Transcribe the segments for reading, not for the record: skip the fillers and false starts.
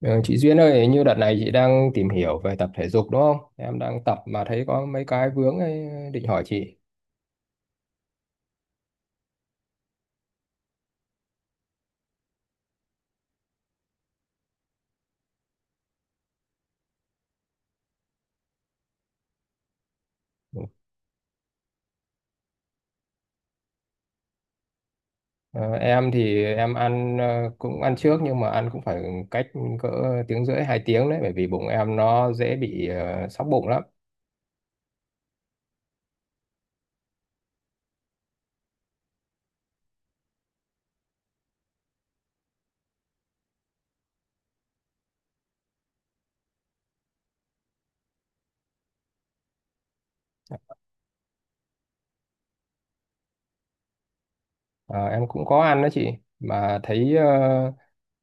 Ờ, chị Duyên ơi, hình như đợt này chị đang tìm hiểu về tập thể dục đúng không? Em đang tập mà thấy có mấy cái vướng ấy, định hỏi chị. Ờ, em thì em ăn cũng ăn trước nhưng mà ăn cũng phải cách cỡ tiếng rưỡi hai tiếng đấy, bởi vì bụng em nó dễ bị sóc bụng lắm. Ờ, em cũng có ăn đó chị, mà thấy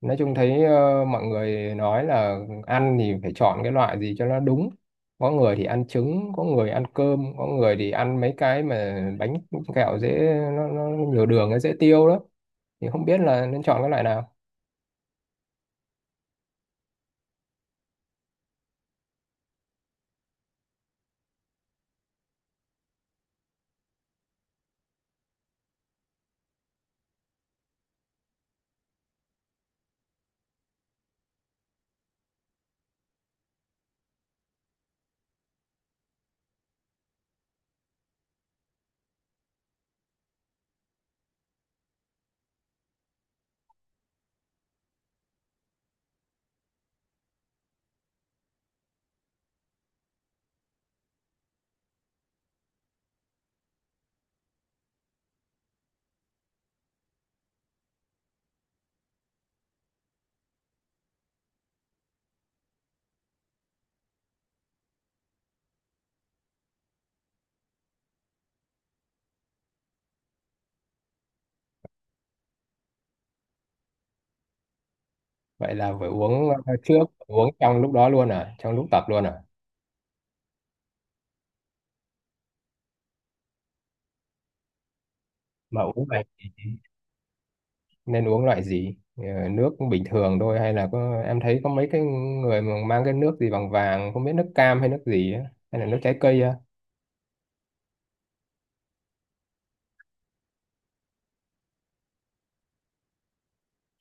nói chung thấy mọi người nói là ăn thì phải chọn cái loại gì cho nó đúng. Có người thì ăn trứng, có người ăn cơm, có người thì ăn mấy cái mà bánh kẹo dễ, nó nhiều đường nó dễ tiêu đó, thì không biết là nên chọn cái loại nào. Vậy là phải uống trước, uống trong lúc đó luôn à, trong lúc tập luôn à? Mà uống này nên uống loại gì? Ờ, Nước bình thường thôi hay là có, em thấy có mấy cái người mà mang cái nước gì bằng vàng không biết, nước cam hay nước gì á, hay là nước trái cây á?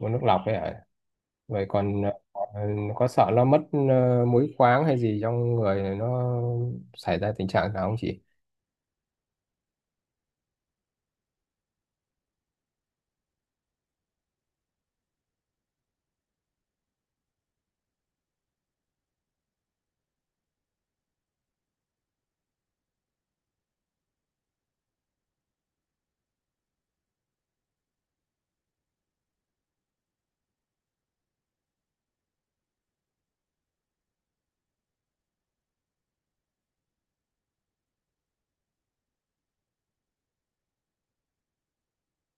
Uống nước lọc ấy à? Vậy còn có sợ nó mất muối khoáng hay gì trong người này nó xảy ra tình trạng nào không chị?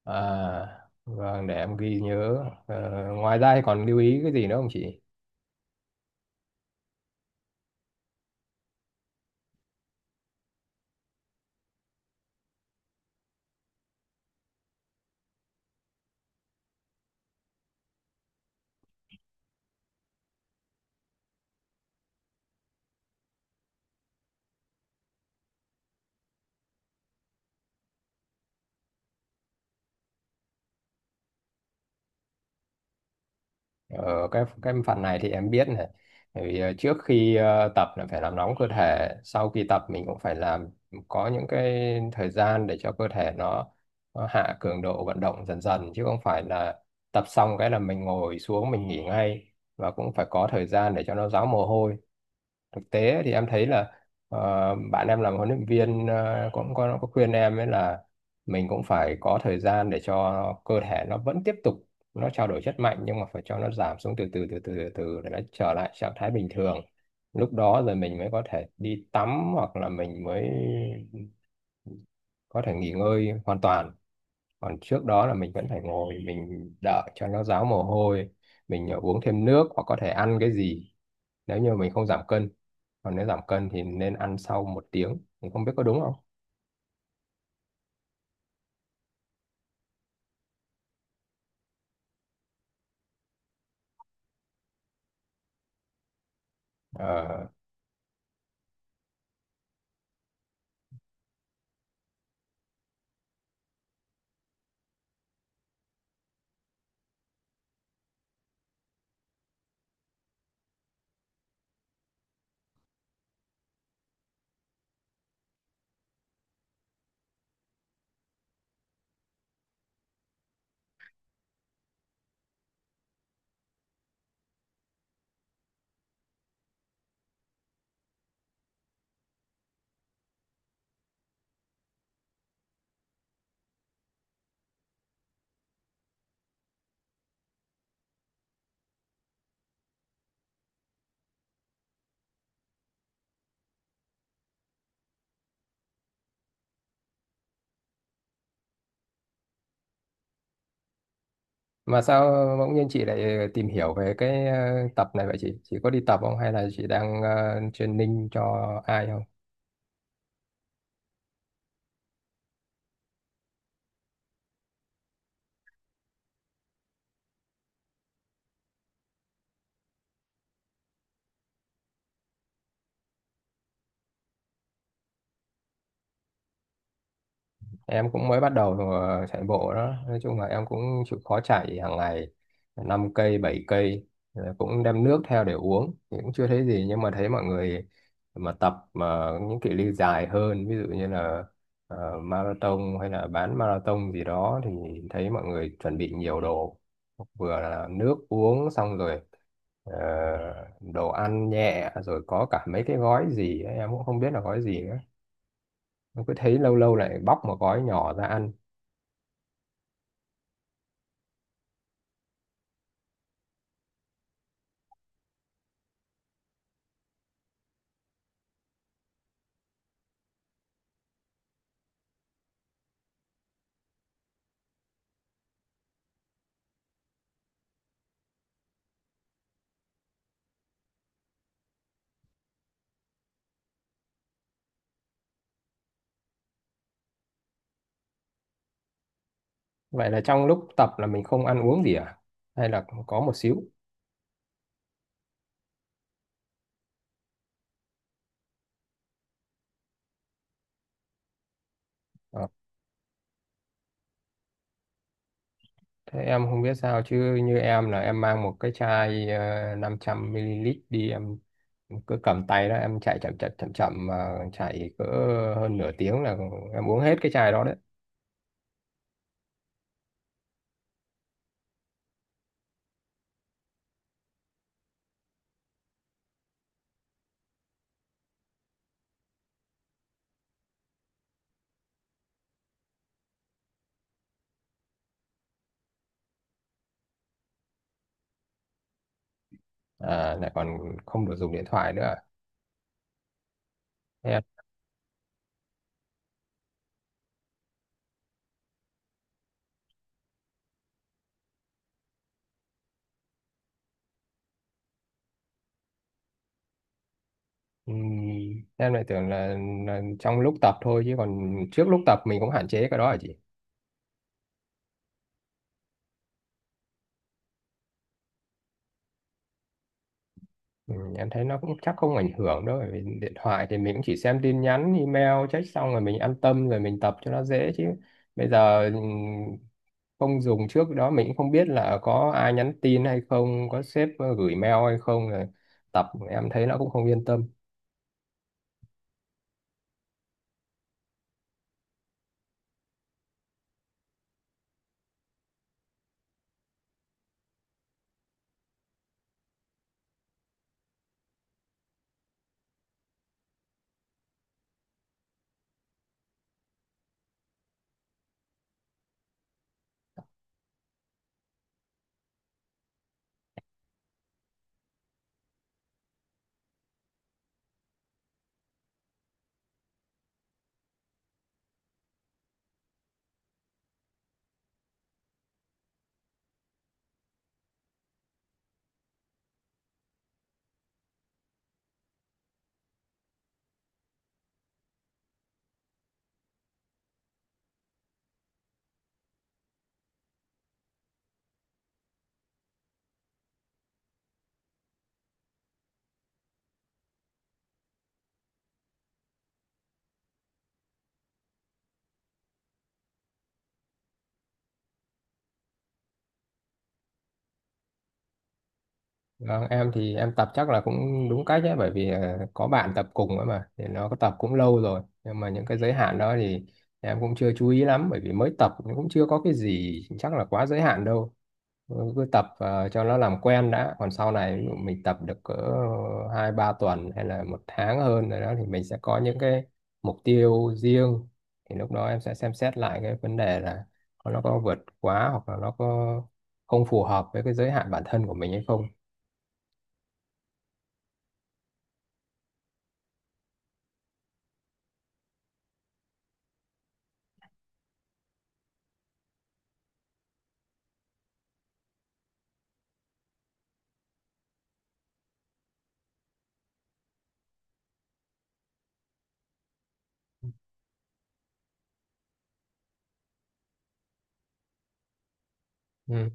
À, vâng, để em ghi nhớ. Ờ, ngoài ra thì còn lưu ý cái gì nữa không chị? Ở cái phần này thì em biết này. Bởi vì trước khi tập là phải làm nóng cơ thể, sau khi tập mình cũng phải làm, có những cái thời gian để cho cơ thể nó hạ cường độ vận động dần dần, chứ không phải là tập xong cái là mình ngồi xuống mình nghỉ ngay, và cũng phải có thời gian để cho nó ráo mồ hôi. Thực tế thì em thấy là ờ, bạn em làm huấn luyện viên cũng có khuyên em ấy là mình cũng phải có thời gian để cho cơ thể nó vẫn tiếp tục, nó trao đổi chất mạnh, nhưng mà phải cho nó giảm xuống từ từ từ từ từ từ để nó trở lại trạng thái bình thường, lúc đó rồi mình mới có thể đi tắm hoặc là mình mới có thể nghỉ ngơi hoàn toàn. Còn trước đó là mình vẫn phải ngồi mình đợi cho nó ráo mồ hôi, mình uống thêm nước hoặc có thể ăn cái gì nếu như mình không giảm cân. Còn nếu giảm cân thì nên ăn sau một tiếng, mình không biết có đúng không. Ờ. Mà sao bỗng nhiên chị lại tìm hiểu về cái tập này vậy chị? Chị có đi tập không hay là chị đang training cho ai không? Em cũng mới bắt đầu chạy bộ đó, nói chung là em cũng chịu khó chạy hàng ngày, 5 cây 7 cây. Rồi cũng đem nước theo để uống thì cũng chưa thấy gì, nhưng mà thấy mọi người mà tập mà những cự ly dài hơn, ví dụ như là marathon hay là bán marathon gì đó, thì thấy mọi người chuẩn bị nhiều đồ, vừa là nước uống, xong rồi ờ, đồ ăn nhẹ, rồi có cả mấy cái gói gì ấy, em cũng không biết là gói gì nữa, em cứ thấy lâu lâu lại bóc một gói nhỏ ra ăn. Vậy là trong lúc tập là mình không ăn uống gì à? Hay là có một xíu? Ờ, thế em không biết sao chứ như em là em mang một cái chai 500 ml đi, em cứ cầm tay đó, em chạy chậm chậm chậm chậm mà chạy cỡ hơn nửa tiếng là em uống hết cái chai đó đấy. À, lại còn không được dùng điện thoại nữa à? Em em lại tưởng là trong lúc tập thôi, chứ còn trước lúc tập mình cũng hạn chế cái đó hả chị? Ừ, em thấy nó cũng chắc không ảnh hưởng đâu, bởi vì điện thoại thì mình cũng chỉ xem tin nhắn email check xong rồi mình an tâm rồi mình tập cho nó dễ, chứ bây giờ ừ, không dùng trước đó mình cũng không biết là có ai nhắn tin hay không, có sếp gửi mail hay không, rồi tập em thấy nó cũng không yên tâm. Vâng, em thì em tập chắc là cũng đúng cách ấy, bởi vì có bạn tập cùng ấy mà, thì nó có tập cũng lâu rồi, nhưng mà những cái giới hạn đó thì em cũng chưa chú ý lắm, bởi vì mới tập cũng chưa có cái gì chắc là quá giới hạn đâu. Ừ, cứ tập cho nó làm quen đã, còn sau này ví dụ mình tập được cỡ hai ba tuần hay là một tháng hơn rồi đó, thì mình sẽ có những cái mục tiêu riêng, thì lúc đó em sẽ xem xét lại cái vấn đề là nó có vượt quá hoặc là nó có không phù hợp với cái giới hạn bản thân của mình hay không. Ừ.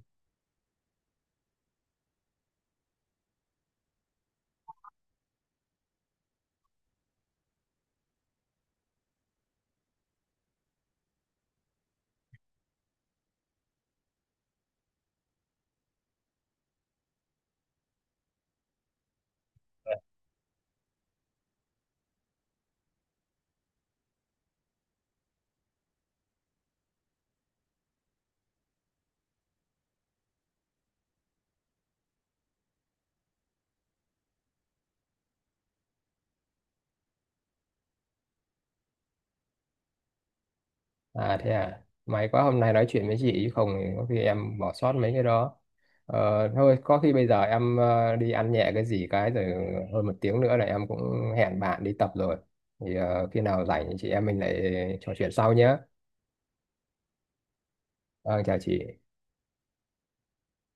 À thế à, may quá hôm nay nói chuyện với chị chứ không thì có khi em bỏ sót mấy cái đó. Ờ, thôi có khi bây giờ em đi ăn nhẹ cái gì cái, rồi hơn một tiếng nữa là em cũng hẹn bạn đi tập rồi. Thì khi nào rảnh thì chị em mình lại trò chuyện sau nhé. Vâng, chào chị.